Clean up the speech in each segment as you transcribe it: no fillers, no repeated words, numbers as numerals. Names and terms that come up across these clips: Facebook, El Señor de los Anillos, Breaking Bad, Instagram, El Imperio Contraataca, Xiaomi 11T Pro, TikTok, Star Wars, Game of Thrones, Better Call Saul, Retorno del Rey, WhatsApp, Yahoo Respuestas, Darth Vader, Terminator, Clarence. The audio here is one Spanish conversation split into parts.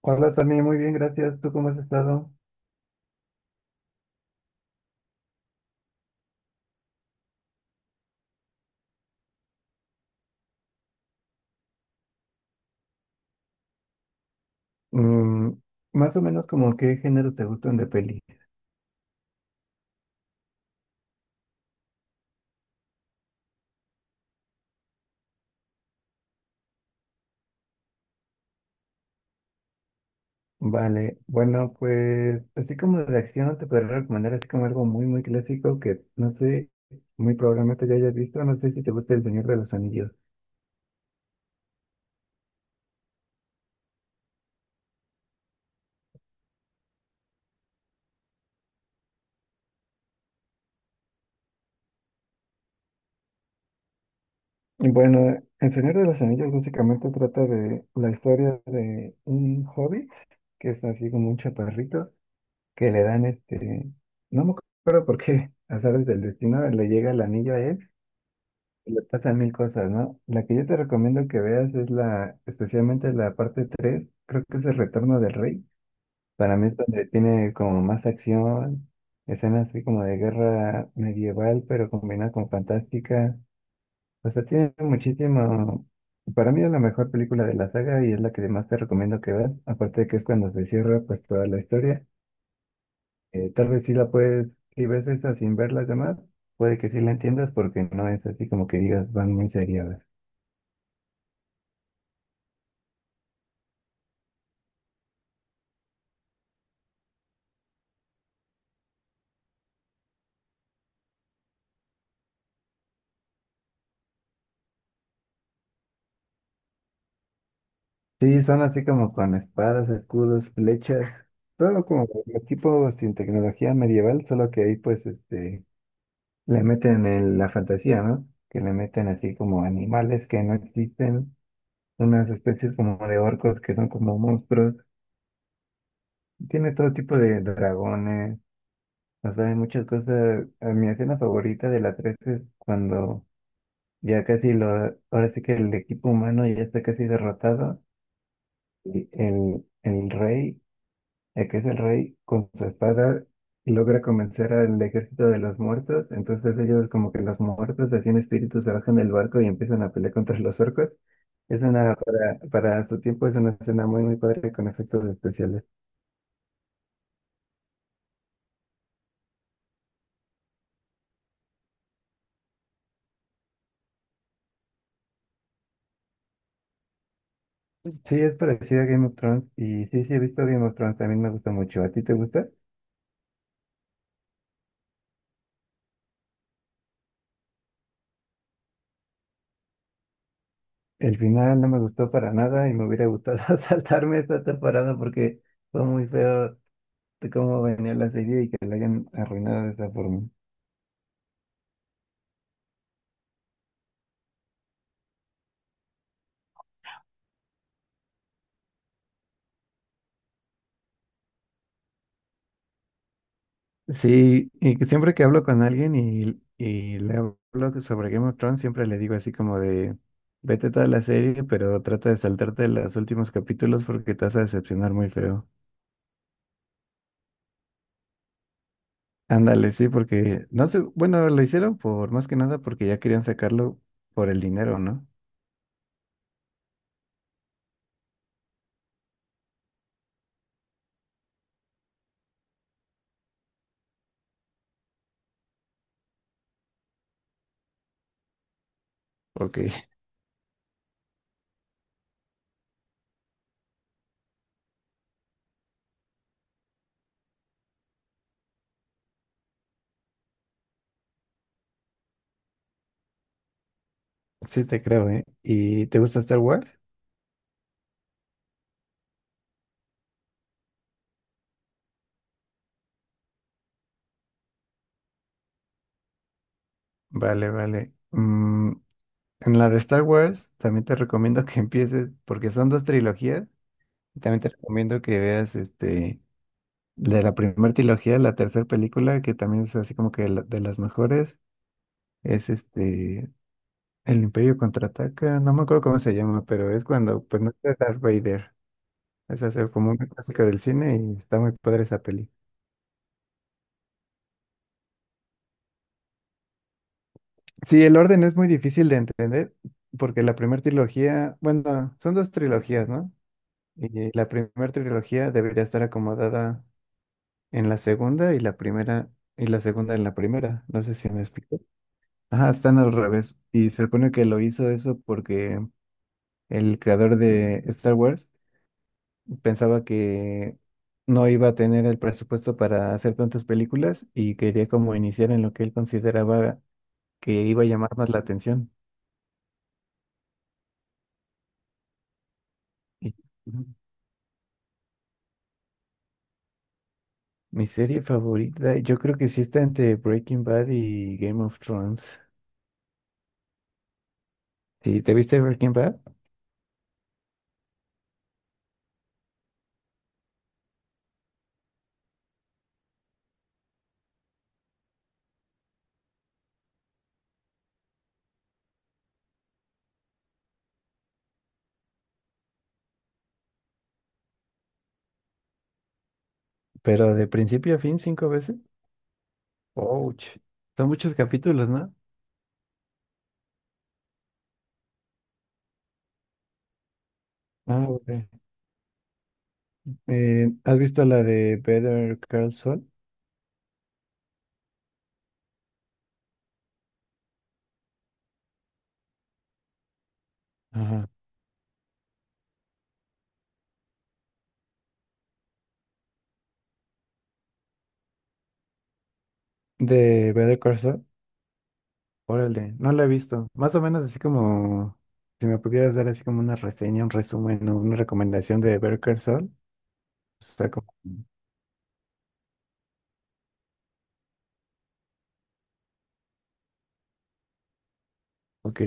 Hola, también muy bien, gracias. ¿Tú cómo has estado? Mm, más o menos como qué género te gustan de peli. Vale, bueno, pues así como de acción te podría recomendar así como algo muy, muy clásico que no sé, muy probablemente ya hayas visto, no sé si te gusta El Señor de los Anillos. Y bueno, El Señor de los Anillos básicamente trata de la historia de un hobbit que es así como un chaparrito que le dan no me acuerdo por qué, azares del destino, le llega el anillo a él. Le pasan mil cosas, ¿no? La que yo te recomiendo que veas es especialmente la parte 3, creo que es el Retorno del Rey. Para mí es donde tiene como más acción, escenas así como de guerra medieval, pero combinada con fantástica. O sea, tiene muchísimo, para mí es la mejor película de la saga y es la que más te recomiendo que veas. Aparte de que es cuando se cierra pues toda la historia. Tal vez sí la puedes, si ves esa sin ver las demás, puede que sí la entiendas porque no es así como que digas, van muy serias. Sí, son así como con espadas, escudos, flechas, todo como el tipo sin tecnología medieval, solo que ahí pues le meten la fantasía, ¿no? Que le meten así como animales que no existen, unas especies como de orcos que son como monstruos, tiene todo tipo de dragones, o sea, hay muchas cosas. A mi escena favorita de la 3 es cuando ya casi lo, ahora sí que el equipo humano ya está casi derrotado y el rey ya que es el rey, con su espada logra convencer al ejército de los muertos. Entonces ellos como que los muertos, así en espíritu, se bajan del barco y empiezan a pelear contra los orcos. Es para su tiempo es una escena muy, muy padre con efectos especiales. Sí, es parecido a Game of Thrones y sí, sí, he visto Game of Thrones, también me gusta mucho. ¿A ti te gusta? El final no me gustó para nada y me hubiera gustado saltarme esta temporada porque fue muy feo de cómo venía la serie y que la hayan arruinado de esa forma. Sí, y que siempre que hablo con alguien y le hablo sobre Game of Thrones, siempre le digo así como de, vete toda la serie, pero trata de saltarte los últimos capítulos porque te vas a decepcionar muy feo. Ándale, sí, porque, no sé, bueno, lo hicieron por, más que nada porque ya querían sacarlo por el dinero, ¿no? Porque sí te creo, ¿eh? ¿Y te gusta Star Wars? Vale, vale. En la de Star Wars también te recomiendo que empieces, porque son dos trilogías, y también te recomiendo que veas este... De la primera trilogía, la tercera película, que también es así como que de las mejores, es El Imperio Contraataca, no me acuerdo cómo se llama, pero es cuando, pues no está Darth Vader. Esa es como una clásica del cine y está muy padre esa peli. Sí, el orden es muy difícil de entender, porque la primera trilogía, bueno, son dos trilogías, ¿no? Y la primera trilogía debería estar acomodada en la segunda y la primera, y la segunda en la primera. No sé si me explico. Ajá, están al revés. Y se supone que lo hizo eso porque el creador de Star Wars pensaba que no iba a tener el presupuesto para hacer tantas películas y quería como iniciar en lo que él consideraba que iba a llamar más la atención. Y Ujú. Mi serie favorita, yo creo que sí está entre Breaking Bad y Game of Thrones. Sí, ¿te viste Breaking Bad? Pero de principio a fin cinco veces. Ouch. Son muchos capítulos, ¿no? Ah, ok. ¿Has visto la de Better Call Saul? Ajá. De Better Call Saul. Órale, no la he visto. Más o menos así como, si me pudieras dar así como una reseña, un resumen o una recomendación de Better Call Saul. Está como, ok,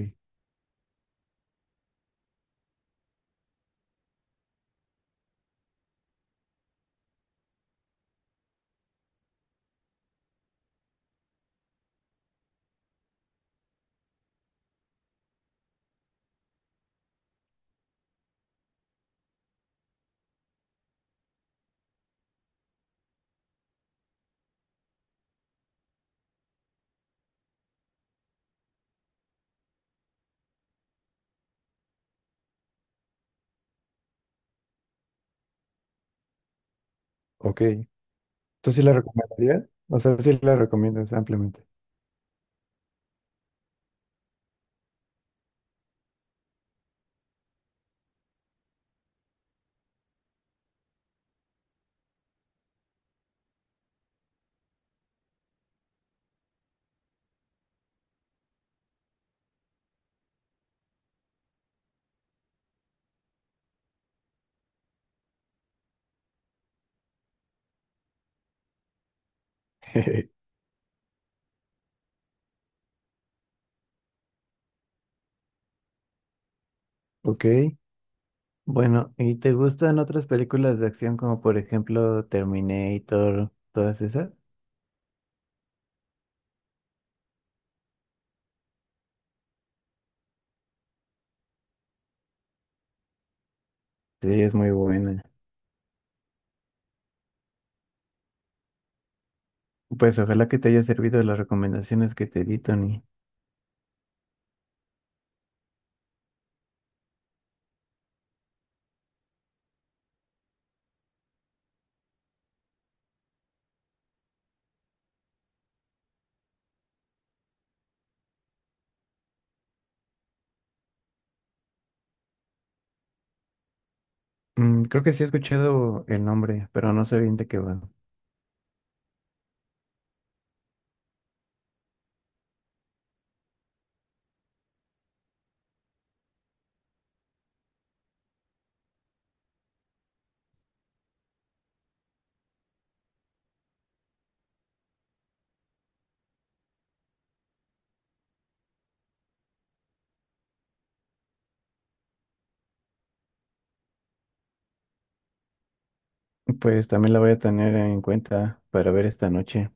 ok. ¿Tú sí la recomendarías? O sea, sí la recomiendas ampliamente. Ok, bueno, ¿y te gustan otras películas de acción como por ejemplo Terminator, todas esas? Sí, es muy buena. Pues ojalá que te haya servido las recomendaciones que te di, Tony. Mm, creo que sí he escuchado el nombre, pero no sé bien de qué va. Pues también la voy a tener en cuenta para ver esta noche.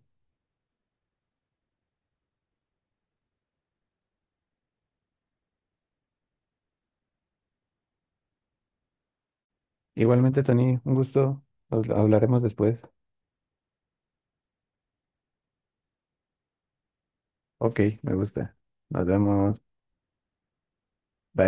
Igualmente, Tony, un gusto. Nos hablaremos después. Ok, me gusta. Nos vemos. Bye.